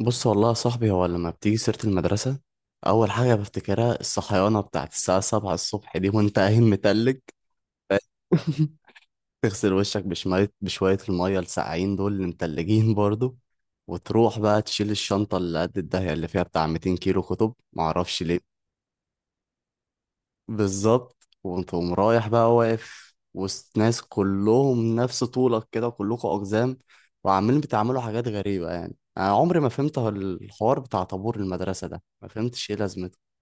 بص والله يا صاحبي، هو لما بتيجي سيرة المدرسة أول حاجة بفتكرها الصحيانة بتاعت الساعة سبعة الصبح دي وأنت قايم متلج. تغسل وشك بشوية بشوية المية الساقعين دول اللي متلجين برضو، وتروح بقى تشيل الشنطة اللي قد الدهية اللي فيها بتاع 200 كيلو كتب، معرفش ليه. بالظبط، وتقوم رايح بقى واقف وسط ناس كلهم نفس طولك كده، كلكم أقزام وعمالين بتعملوا حاجات غريبة. يعني أنا عمري ما فهمت الحوار بتاع طابور المدرسة ده، ما فهمتش إيه لازمته.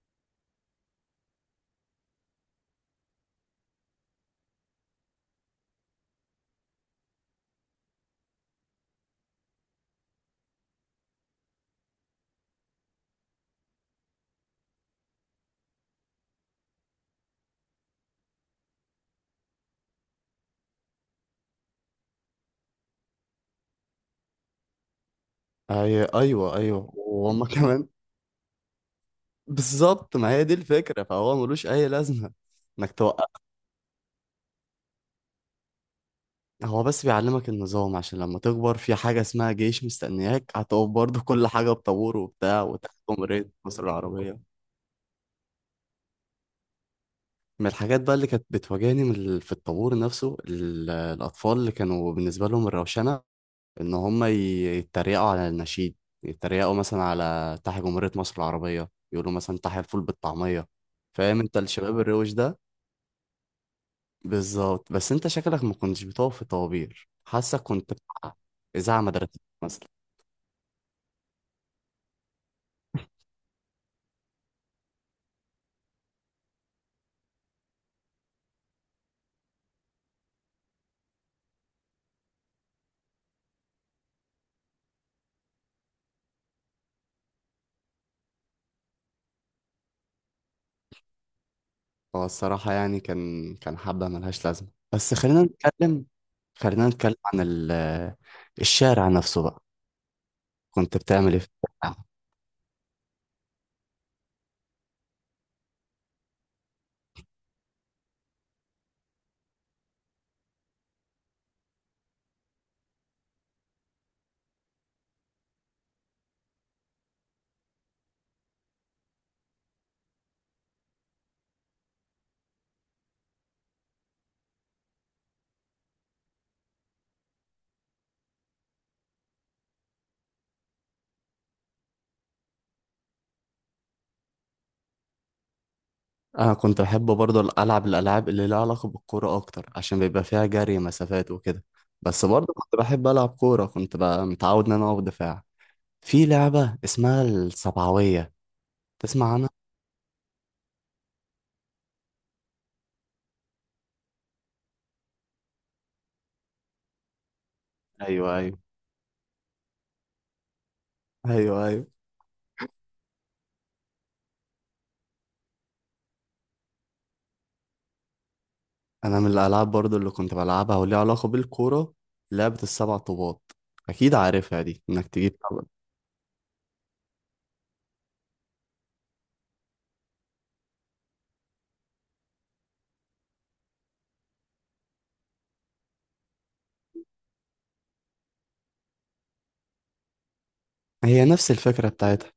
أيوه، أيوه، وهما كمان. بالظبط، ما هي دي الفكرة، فهو ملوش أي لازمة إنك توقف. هو بس بيعلمك النظام عشان لما تكبر في حاجة اسمها جيش مستنياك، هتقف برضه كل حاجة بطابور وبتاع وتحكم رئيس مصر العربية. من الحاجات بقى اللي كانت بتواجهني من في الطابور نفسه، الأطفال اللي كانوا بالنسبة لهم الروشنة إن هم يتريقوا على النشيد، يتريقوا مثلا على تحيا جمهورية مصر العربية، يقولوا مثلا تحيا الفول بالطعمية. فاهم انت الشباب الروش ده. بالظبط، بس انت شكلك ما كنتش بتقف في طوابير، حاسك كنت بتاع إذاعة مدرسية مثلا. هو الصراحة يعني كان حبة ملهاش لازمة، بس خلينا نتكلم، خلينا نتكلم عن الشارع نفسه بقى. كنت بتعمل ايه في الشارع؟ انا كنت بحب برضه العب الالعاب اللي لها علاقه بالكوره اكتر، عشان بيبقى فيها جري مسافات وكده. بس برضه كنت بحب العب كوره، كنت بقى متعود ان انا اقف دفاع في لعبه اسمها السبعويه. تسمع عنها؟ ايوه، ايوه، ايوه، ايوه. انا من الالعاب برضه اللي كنت بلعبها وليها علاقه بالكوره لعبه السبع طوبات، اكيد عارفها دي، انك تجيب طبعا. هي نفس الفكره بتاعتها.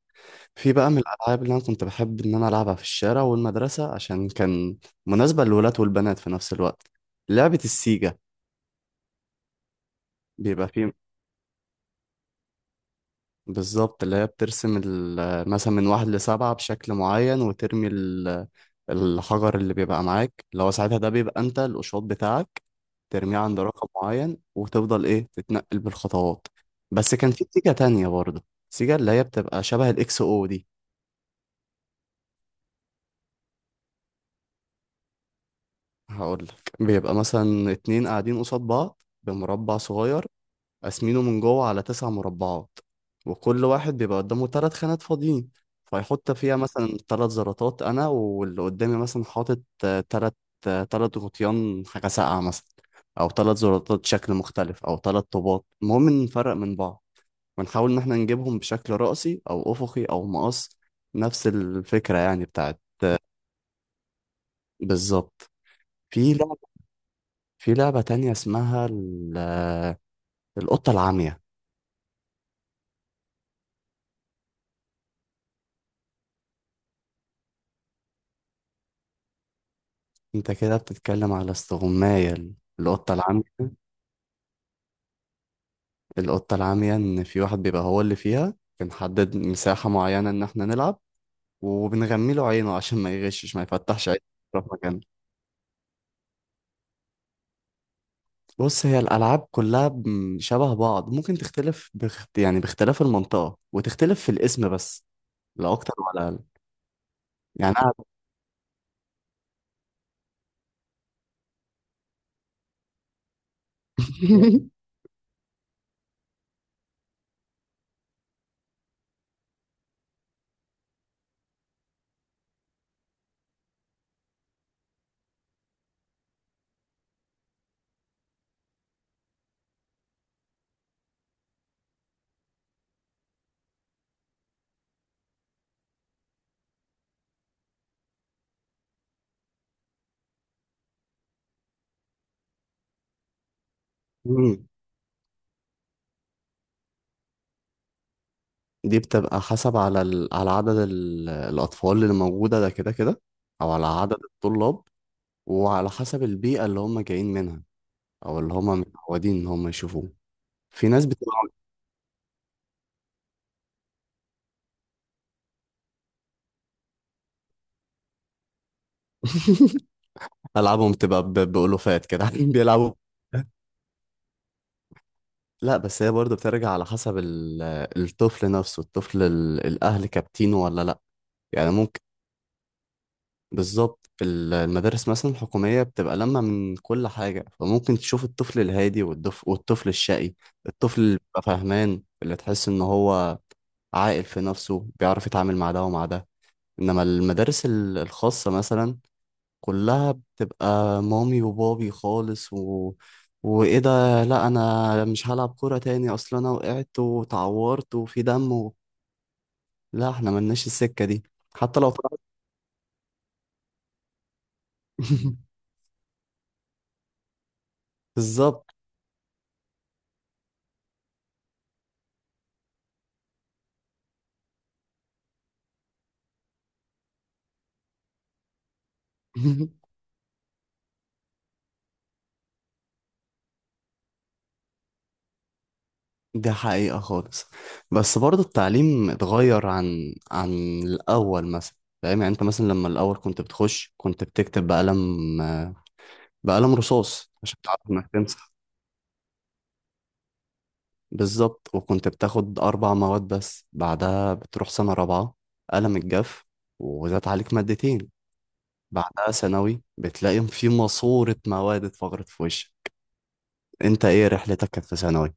في بقى من الألعاب اللي أنا كنت بحب إن أنا ألعبها في الشارع والمدرسة، عشان كان مناسبة للولاد والبنات في نفس الوقت، لعبة السيجا. بيبقى فيه بالظبط اللي هي بترسم مثلا من واحد لسبعة بشكل معين، وترمي الحجر اللي بيبقى معاك، اللي هو ساعتها ده بيبقى أنت القشاط بتاعك. ترميه عند رقم معين وتفضل إيه تتنقل بالخطوات. بس كان في سيجا تانية برضه، سيجا اللي هي بتبقى شبه الإكس أو دي. هقول لك، بيبقى مثلا اتنين قاعدين قصاد بعض بمربع صغير، قاسمينه من جوه على تسع مربعات، وكل واحد بيبقى قدامه تلات خانات فاضيين، فيحط فيها مثلا تلات زراطات. انا واللي قدامي مثلا حاطط تلات، تلات غطيان حاجة ساقعة مثلا، او تلات زراطات شكل مختلف، او تلات طوبات، المهم إن نفرق من بعض ونحاول ان احنا نجيبهم بشكل رأسي او افقي او مقص. نفس الفكرة يعني بتاعت، بالظبط. في لعبة في لعبة تانية اسمها القطة العمية. انت كده بتتكلم على استغماية القطة العمية. القطة العمية ان في واحد بيبقى هو اللي فيها، بنحدد مساحة معينة ان احنا نلعب، وبنغمي له عينه عشان ما يغشش، ما يفتحش عينه في مكان. بص، هي الألعاب كلها شبه بعض، ممكن تختلف يعني باختلاف المنطقة، وتختلف في الاسم بس، لا أكتر ولا أقل. يعني أنا دي بتبقى حسب على... ال... على عدد... ال... الأطفال اللي موجودة ده كده كده، أو على عدد الطلاب، وعلى حسب البيئة اللي هم جايين منها، أو اللي هم متعودين إن هم يشوفوه. في ناس بتبقى ألعابهم بتبقى ب... بألوفات كده، قاعدين بيلعبوا. لا، بس هي برضه بترجع على حسب... ال... الطفل نفسه، الطفل... ال... الأهل كابتينه ولا لأ. يعني ممكن، بالظبط، المدارس مثلا الحكومية بتبقى لما من كل حاجة، فممكن تشوف الطفل الهادي والطفل الشقي، الطفل اللي بيبقى فاهمان، اللي تحس إن هو عاقل في نفسه، بيعرف يتعامل مع ده ومع ده. إنما المدارس الخاصة مثلا كلها بتبقى مامي وبابي خالص، و... وإيه ده، لأ أنا مش هلعب كورة تاني، أصل أنا وقعت وتعورت وفي دم. و... لا، إحنا ملناش السكة دي، حتى لو طلعت بالظبط. دي حقيقة خالص. بس برضو التعليم اتغير عن الأول مثلا. فاهم يعني أنت مثلا لما الأول كنت بتخش، كنت بتكتب بقلم، بقلم رصاص عشان تعرف إنك تمسح. بالظبط، وكنت بتاخد أربع مواد بس. بعدها بتروح سنة رابعة، قلم الجاف، وزاد عليك مادتين. بعدها ثانوي بتلاقي في ماسورة مواد اتفجرت في وشك. أنت إيه رحلتك كانت في ثانوي؟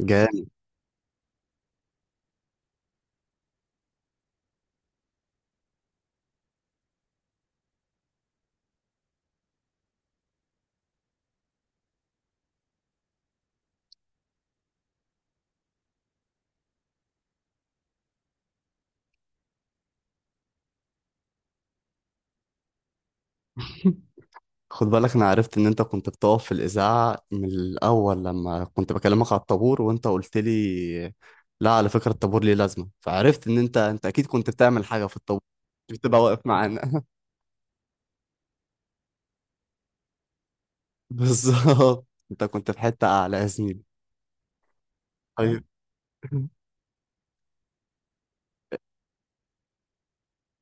جامد. خد بالك، انا عرفت ان انت كنت بتقف في الاذاعه من الاول لما كنت بكلمك على الطابور، وانت قلت لي لا على فكره الطابور ليه لازمه، فعرفت ان انت اكيد كنت بتعمل حاجه في الطابور، مش بتبقى واقف معانا. بالظبط، انت كنت في حته اعلى يا زميلي. طيب،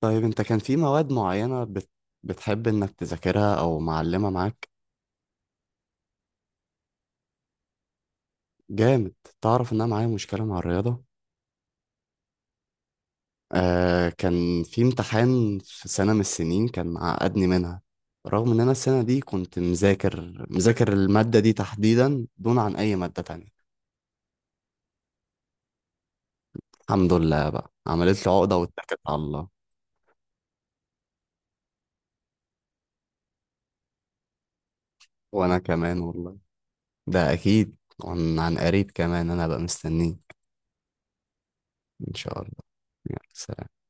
طيب، انت كان في مواد معينه بتحب انك تذاكرها، او معلمه معاك؟ جامد. تعرف ان انا معايا مشكله مع الرياضه. آه، كان في امتحان في سنة من السنين كان عقدني منها، رغم ان انا السنة دي كنت مذاكر، مذاكر المادة دي تحديدا دون عن اي مادة تانية. الحمد لله بقى، عملت لي عقدة واتكلت على الله. وانا كمان والله، ده اكيد. عن قريب كمان انا بقى مستنيك. ان شاء الله. يلا سلام.